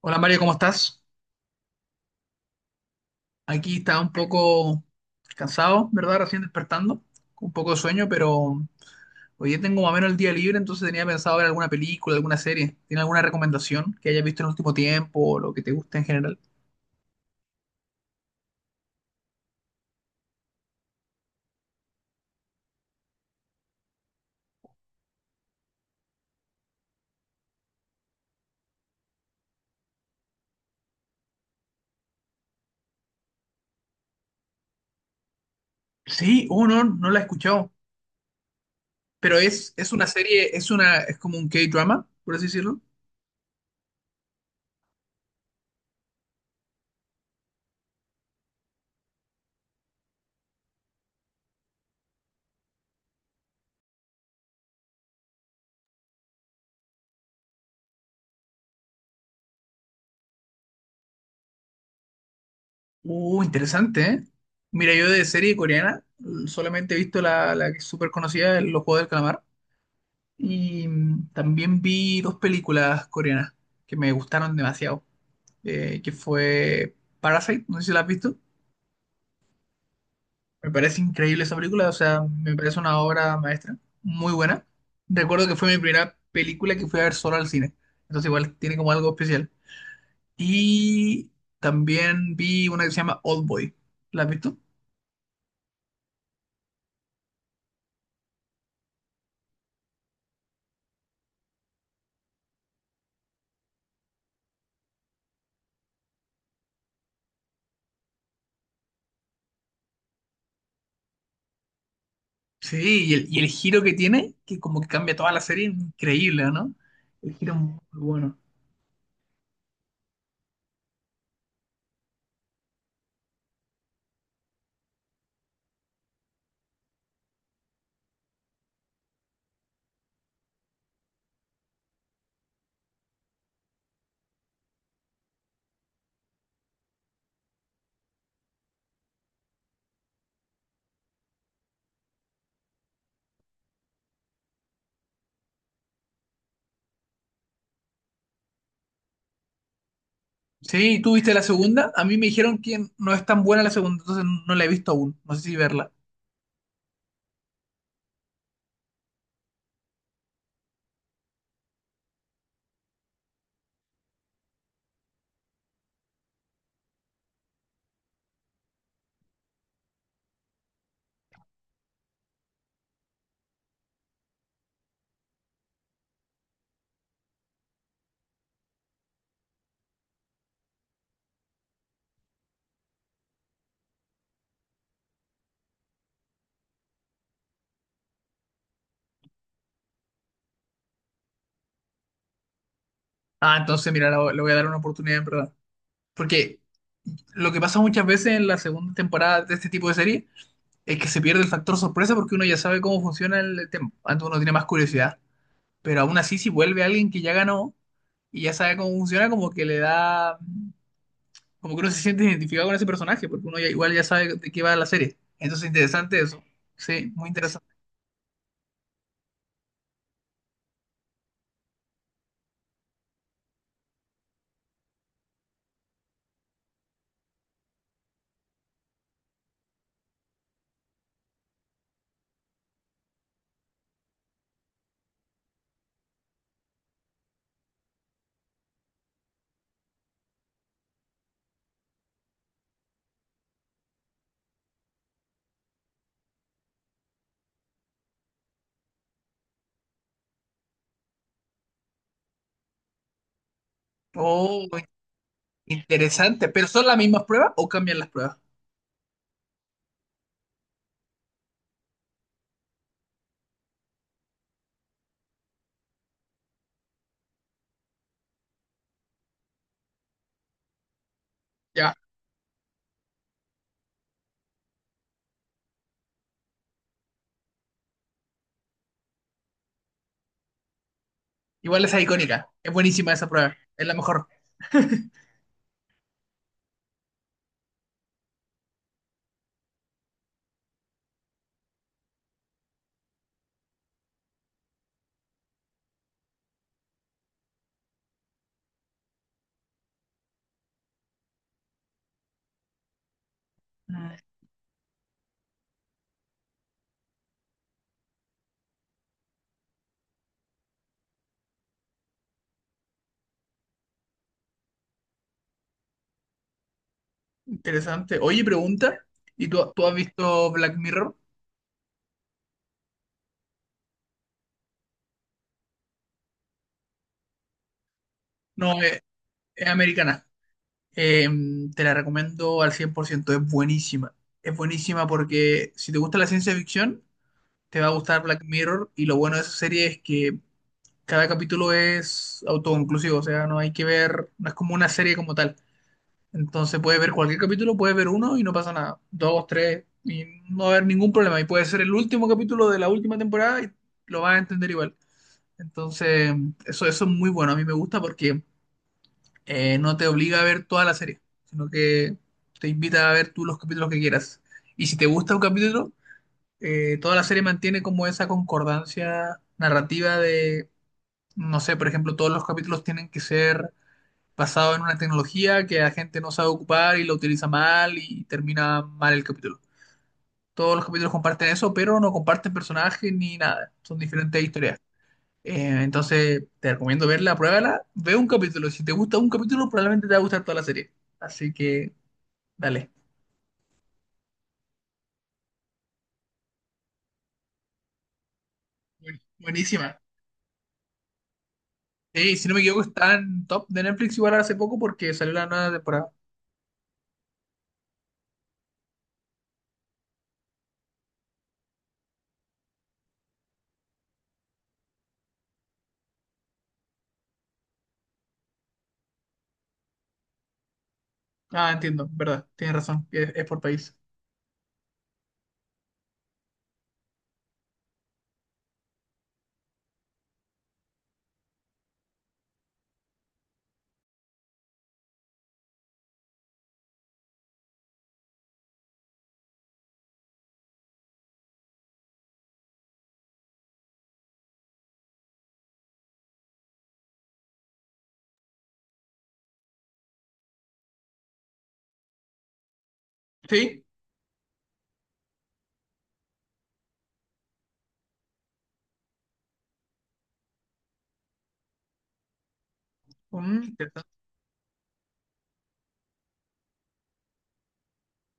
Hola Mario, ¿cómo estás? Aquí está un poco cansado, ¿verdad? Recién despertando, con un poco de sueño, pero hoy día tengo más o menos el día libre, entonces tenía pensado ver alguna película, alguna serie. ¿Tiene alguna recomendación que hayas visto en el último tiempo o lo que te guste en general? Sí, oh, no, no la he escuchado, pero es una serie, es una, es como un K-drama, por así decirlo. Interesante, ¿eh? Mira, yo de serie coreana solamente he visto la que es súper conocida, Los Juegos del Calamar. Y también vi dos películas coreanas que me gustaron demasiado, que fue Parasite, no sé si la has visto. Me parece increíble esa película, o sea, me parece una obra maestra, muy buena. Recuerdo que fue mi primera película que fui a ver solo al cine, entonces igual tiene como algo especial. Y también vi una que se llama Old Boy, ¿la has visto? Sí, y el giro que tiene, que como que cambia toda la serie, increíble, ¿no? El giro es muy bueno. Sí, ¿tú viste la segunda? A mí me dijeron que no es tan buena la segunda, entonces no la he visto aún. No sé si verla. Ah, entonces mira, la- le voy a dar una oportunidad en verdad. Porque lo que pasa muchas veces en la segunda temporada de este tipo de serie es que se pierde el factor sorpresa porque uno ya sabe cómo funciona el tema. Antes uno tiene más curiosidad. Pero aún así, si vuelve alguien que ya ganó y ya sabe cómo funciona, como que le da, como que uno se siente identificado con ese personaje, porque uno ya- igual ya sabe de qué va la serie. Entonces, interesante eso. Sí, muy interesante. Oh, interesante, pero ¿son las mismas pruebas o cambian las pruebas? Ya, igual esa es icónica, es buenísima esa prueba, es la mejor. Mm. Interesante. Oye, pregunta, ¿y tú has visto Black Mirror? No, es americana. Eh, te la recomiendo al 100%, es buenísima. Es buenísima porque si te gusta la ciencia ficción, te va a gustar Black Mirror y lo bueno de esa serie es que cada capítulo es autoconclusivo, o sea, no hay que ver, no es como una serie como tal. Entonces puedes ver cualquier capítulo, puedes ver uno y no pasa nada. Dos, tres, y no va a haber ningún problema. Y puede ser el último capítulo de la última temporada y lo vas a entender igual. Entonces, eso es muy bueno. A mí me gusta porque no te obliga a ver toda la serie, sino que te invita a ver tú los capítulos que quieras. Y si te gusta un capítulo, toda la serie mantiene como esa concordancia narrativa de, no sé, por ejemplo, todos los capítulos tienen que ser basado en una tecnología que la gente no sabe ocupar y lo utiliza mal y termina mal el capítulo. Todos los capítulos comparten eso, pero no comparten personajes ni nada. Son diferentes historias. Entonces, te recomiendo verla, pruébala, ve un capítulo. Si te gusta un capítulo, probablemente te va a gustar toda la serie. Así que, dale. Buen- Buenísima. Sí, si no me equivoco, está en top de Netflix igual hace poco porque salió la nueva temporada. Ah, entiendo, verdad, tienes razón, es por país. Sí, mm, interesante.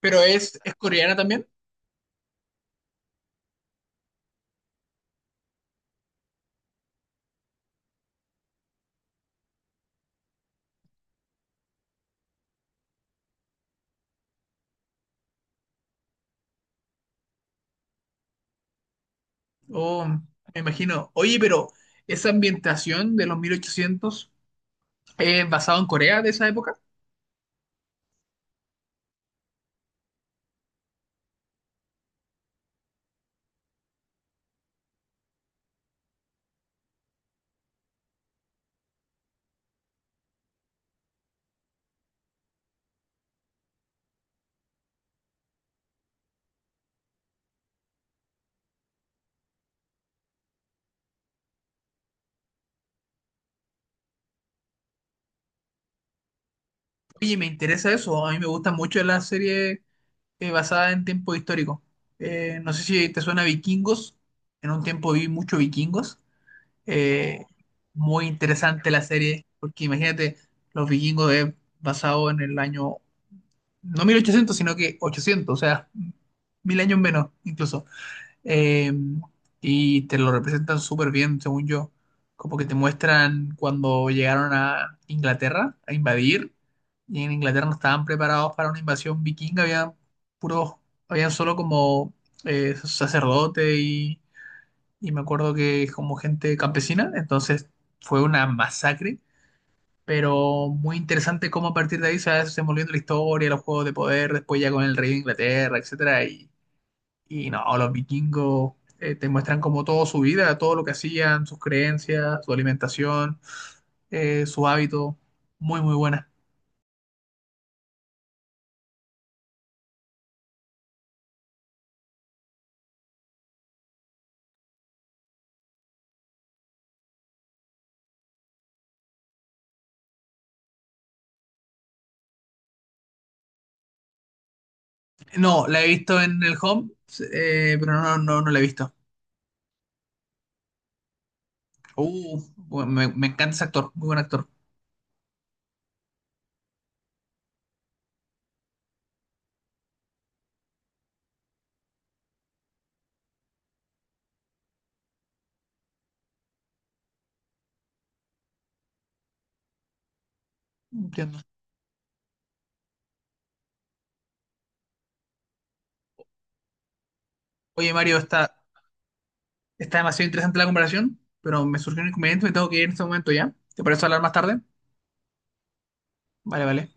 Pero es coreana también. Oh, me imagino. Oye, pero esa ambientación de los 1800 es basada en Corea de esa época. Oye, me interesa eso. A mí me gusta mucho la serie basada en tiempo histórico. No sé si te suena Vikingos. En un tiempo vi mucho Vikingos. Eh, muy interesante la serie, porque imagínate, los Vikingos es basado en el año, no 1800 sino que 800, o sea, 1000 años menos incluso. Eh, y te lo representan súper bien, según yo. Como que te muestran cuando llegaron a Inglaterra a invadir, y en Inglaterra no estaban preparados para una invasión vikinga, había puros, habían solo como sacerdote y me acuerdo que como gente campesina, entonces fue una masacre, pero muy interesante cómo a partir de ahí se va desenvolviendo la historia, los juegos de poder, después ya con el rey de Inglaterra, etcétera, y no, los vikingos te muestran como toda su vida, todo lo que hacían, sus creencias, su alimentación, su hábito. Muy, muy buena. No, la he visto en el Home, pero no la he visto. Bueno, me encanta ese actor, muy buen actor. Entiendo. Oye, Mario, está, está demasiado interesante la comparación, pero me surgió un inconveniente, me tengo que ir en este momento ya. ¿Te parece hablar más tarde? Vale, vale.